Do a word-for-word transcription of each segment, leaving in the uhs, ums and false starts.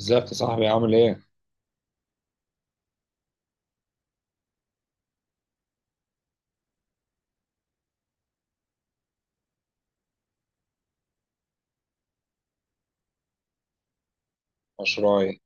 ازيك يا صاحبي عامل ايه؟ مشروعي.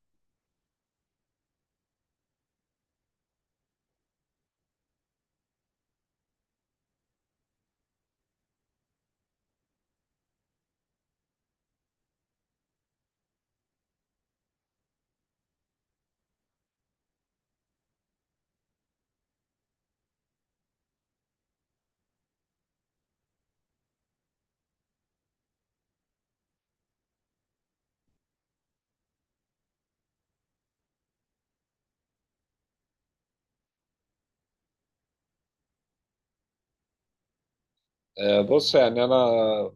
آه بص يعني انا،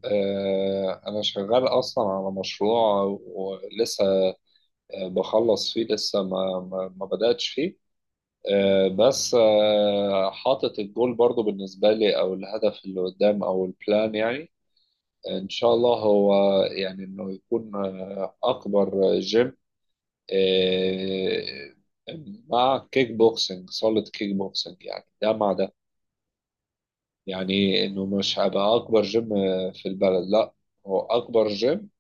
آه انا شغال اصلا على مشروع ولسه، آه، بخلص فيه لسه ما ما, ما بدأتش فيه. آه بس آه حاطط الجول برضو بالنسبة لي، او الهدف اللي قدام، او البلان، يعني ان شاء الله هو يعني انه يكون آه، اكبر جيم، آه مع كيك بوكسنج، صالة كيك بوكسنج، يعني ده مع ده. يعني انه مش هيبقى اكبر جيم في البلد، لا، هو اكبر جيم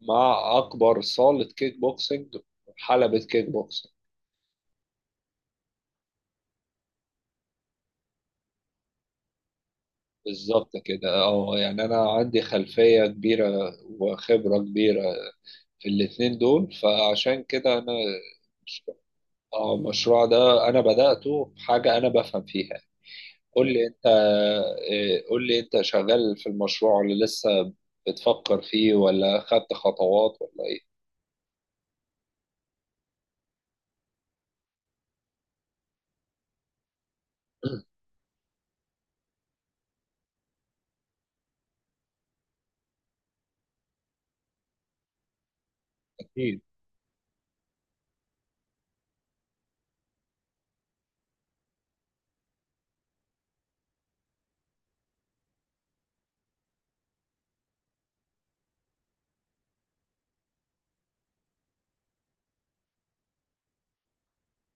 مع اكبر صالة كيك بوكسينج، حلبة كيك بوكسينج. بالظبط كده، اه، يعني انا عندي خلفية كبيرة وخبرة كبيرة في الاتنين دول، فعشان كده انا اه المشروع ده انا بدأته بحاجة انا بفهم فيها. قول لي انت. إيه، قول لي انت شغال في المشروع اللي لسه بتفكر فيه ولا خدت خطوات ولا ايه؟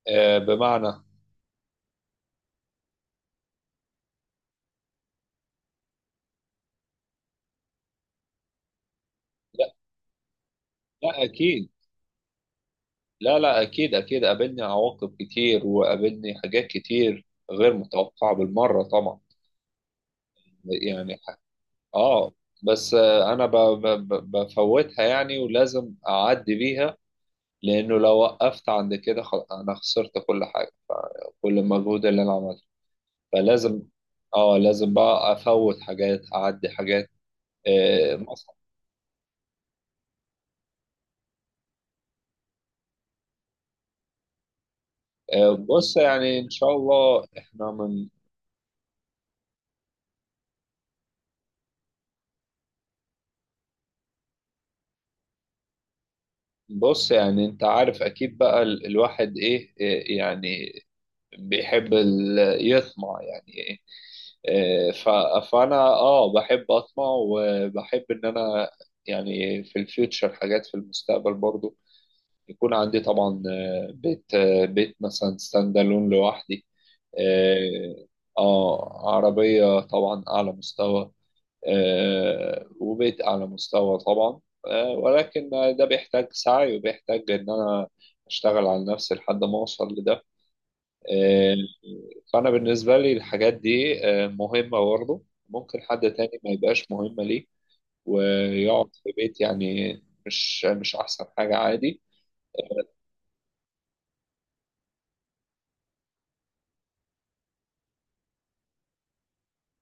آه، بمعنى؟ لا لا اكيد. لا لا اكيد اكيد، قابلني عواقب كتير وقابلني حاجات كتير غير متوقعة بالمرة طبعا، يعني. اه. بس آه، انا ب- ب- ب- بفوتها يعني ولازم اعدي بيها، لانه لو وقفت عند كده خل- انا خسرت كل حاجة، كل المجهود اللي انا عملته، فلازم. اه لازم بقى افوت حاجات، اعدي حاجات، آه، مثلا. آه، بص يعني ان شاء الله احنا من. بص يعني انت عارف اكيد بقى ال- الواحد ايه، إيه يعني بيحب ال- يطمع يعني ايه. إيه، ف- فانا اه بحب اطمع، وبحب ان انا يعني في الفيوتشر حاجات في المستقبل برضو يكون عندي، طبعا آه، بيت، آه، بيت مثلا ستاند الون لوحدي، اه، آه، عربية طبعا اعلى مستوى، آه، وبقيت أعلى مستوى طبعا، آه، ولكن ده بيحتاج سعي، وبيحتاج إن أنا أشتغل على نفسي لحد ما أوصل لده، آه. فأنا بالنسبة لي الحاجات دي آه، مهمة برضه. ممكن حد تاني ما يبقاش مهمة ليه ويقعد في بيت يعني، مش مش أحسن حاجة، عادي.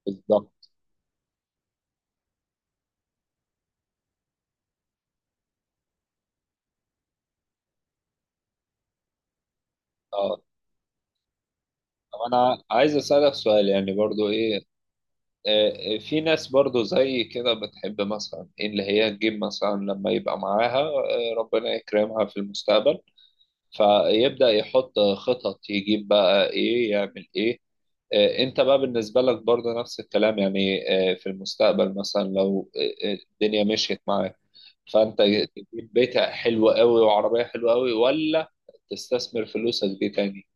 بالظبط. اه. طب أنا عايز أسألك سؤال يعني، برضه إيه. آه، آه، في ناس برضو زي كده بتحب مثلا اللي هي تجيب مثلا لما يبقى معاها، آه، ربنا يكرمها في المستقبل، فيبدأ يحط خطط، يجيب بقى ايه، يعمل ايه. آه، انت بقى بالنسبة لك برضو نفس الكلام؟ يعني آه، في المستقبل مثلا لو آه، آه، الدنيا مشيت معاك، فانت تجيب بيت حلو قوي وعربية حلوة قوي، ولا تستثمر فلوسك دي تاني؟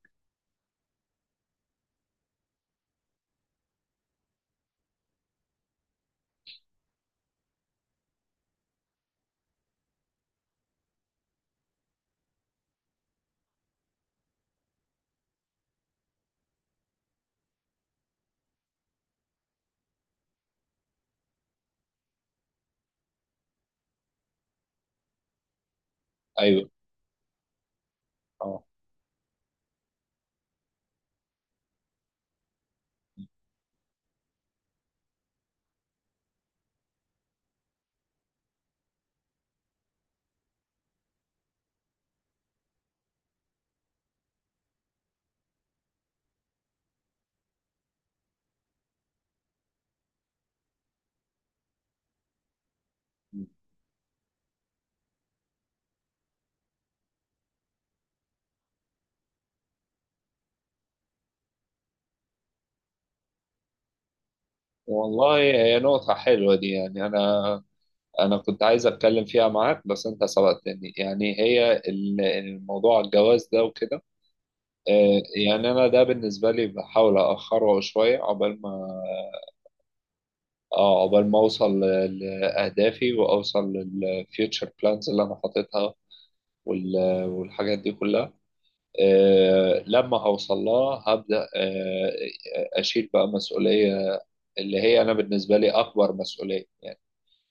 ايوه. اه. والله هي نقطة حلوة دي، يعني أنا أنا كنت عايز أتكلم فيها معاك بس أنت سبقتني. يعني هي ال- الموضوع الجواز ده وكده، آه، يعني أنا ده بالنسبة لي بحاول أأخره شوية عقبال ما، آه، عقبال ما أوصل ل- لأهدافي وأوصل للفيوتشر بلانز اللي أنا حاططها وال- والحاجات دي كلها. آه، لما هوصل لها هبدأ آه، أشيل بقى مسؤولية، اللي هي أنا بالنسبة لي أكبر مسؤولية،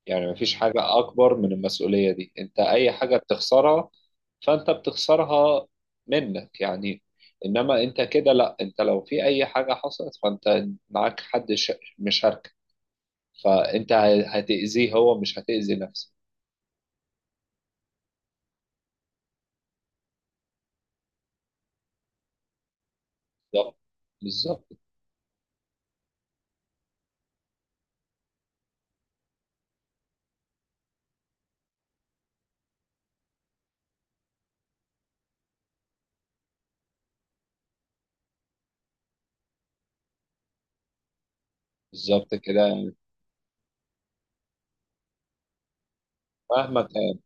يعني مفيش حاجة أكبر من المسؤولية دي. أنت أي حاجة بتخسرها فأنت بتخسرها منك يعني، إنما أنت كده لأ، أنت لو في أي حاجة حصلت فأنت معاك حد ش- مشاركك، فأنت ه- هتأذيه، هو مش هتأذي نفسك. بالظبط. بالظبط. بالظبط كده يعني، مهما كان،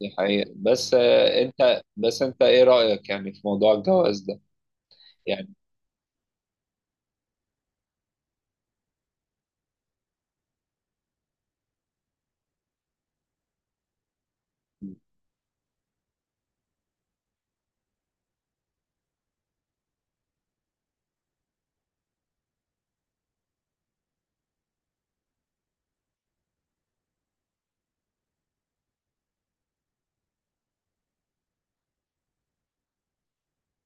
دي حقيقة. بس آه، أنت بس أنت إيه رأيك يعني في موضوع الجواز ده؟ يعني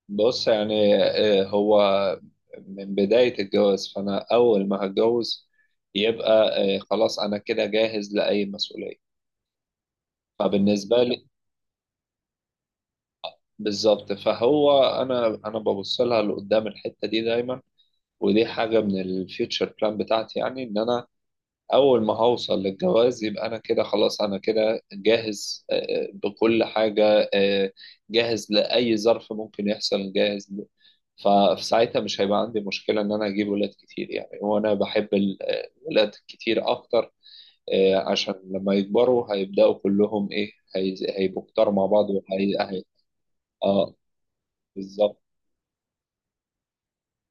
بص يعني، آه، هو من بداية الجواز، فأنا أول ما هتجوز يبقى آه، خلاص أنا كده جاهز لأي مسؤولية، فبالنسبة لي. بالظبط. فهو أنا أنا ببص لها لقدام الحتة دي دايما، ودي حاجة من الفيوتشر بلان بتاعتي، يعني إن أنا أول ما هوصل للجواز يبقى أنا كده خلاص، أنا كده جاهز آه، آه، بكل حاجة، آه، جاهز لأي ظرف ممكن يحصل، جاهز. فساعتها مش هيبقى عندي مشكلة إن أنا أجيب ولاد كتير يعني، وأنا بحب ال- الولاد كتير أكتر، آه، عشان لما يكبروا هيبدأوا كلهم إيه، هي- هيبقوا كتار مع بعض، وهي هي- آه. بالظبط.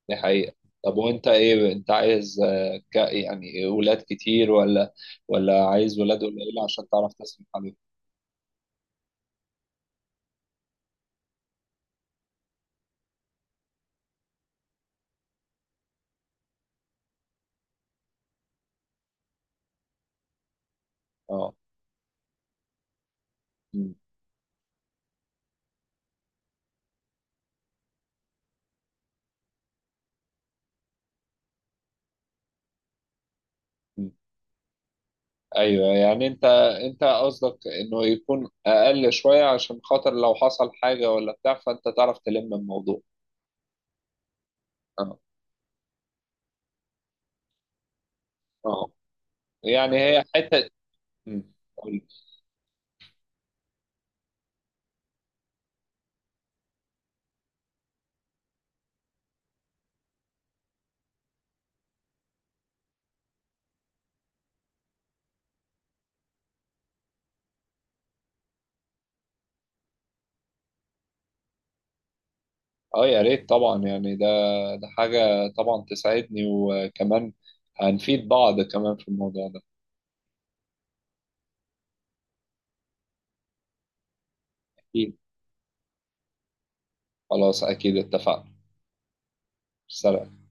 دي حقيقة. طب وأنت إيه؟ أنت عايز آه، ك- يعني ولاد كتير، ولا ولا عايز ولاد قليلة عشان تعرف تصرف عليهم؟ آه م- م. ايوه يعني انت انت قصدك انه يكون اقل شويه عشان خاطر لو حصل حاجه ولا بتاع فانت تعرف تلم الموضوع. اه. اه. يعني هي حته. مم. قول. اه يا ريت طبعا يعني، ده ده حاجه طبعا تسعدني، وكمان هنفيد بعض كمان في الموضوع ده. اكيد. خلاص اكيد اتفقنا. سلام.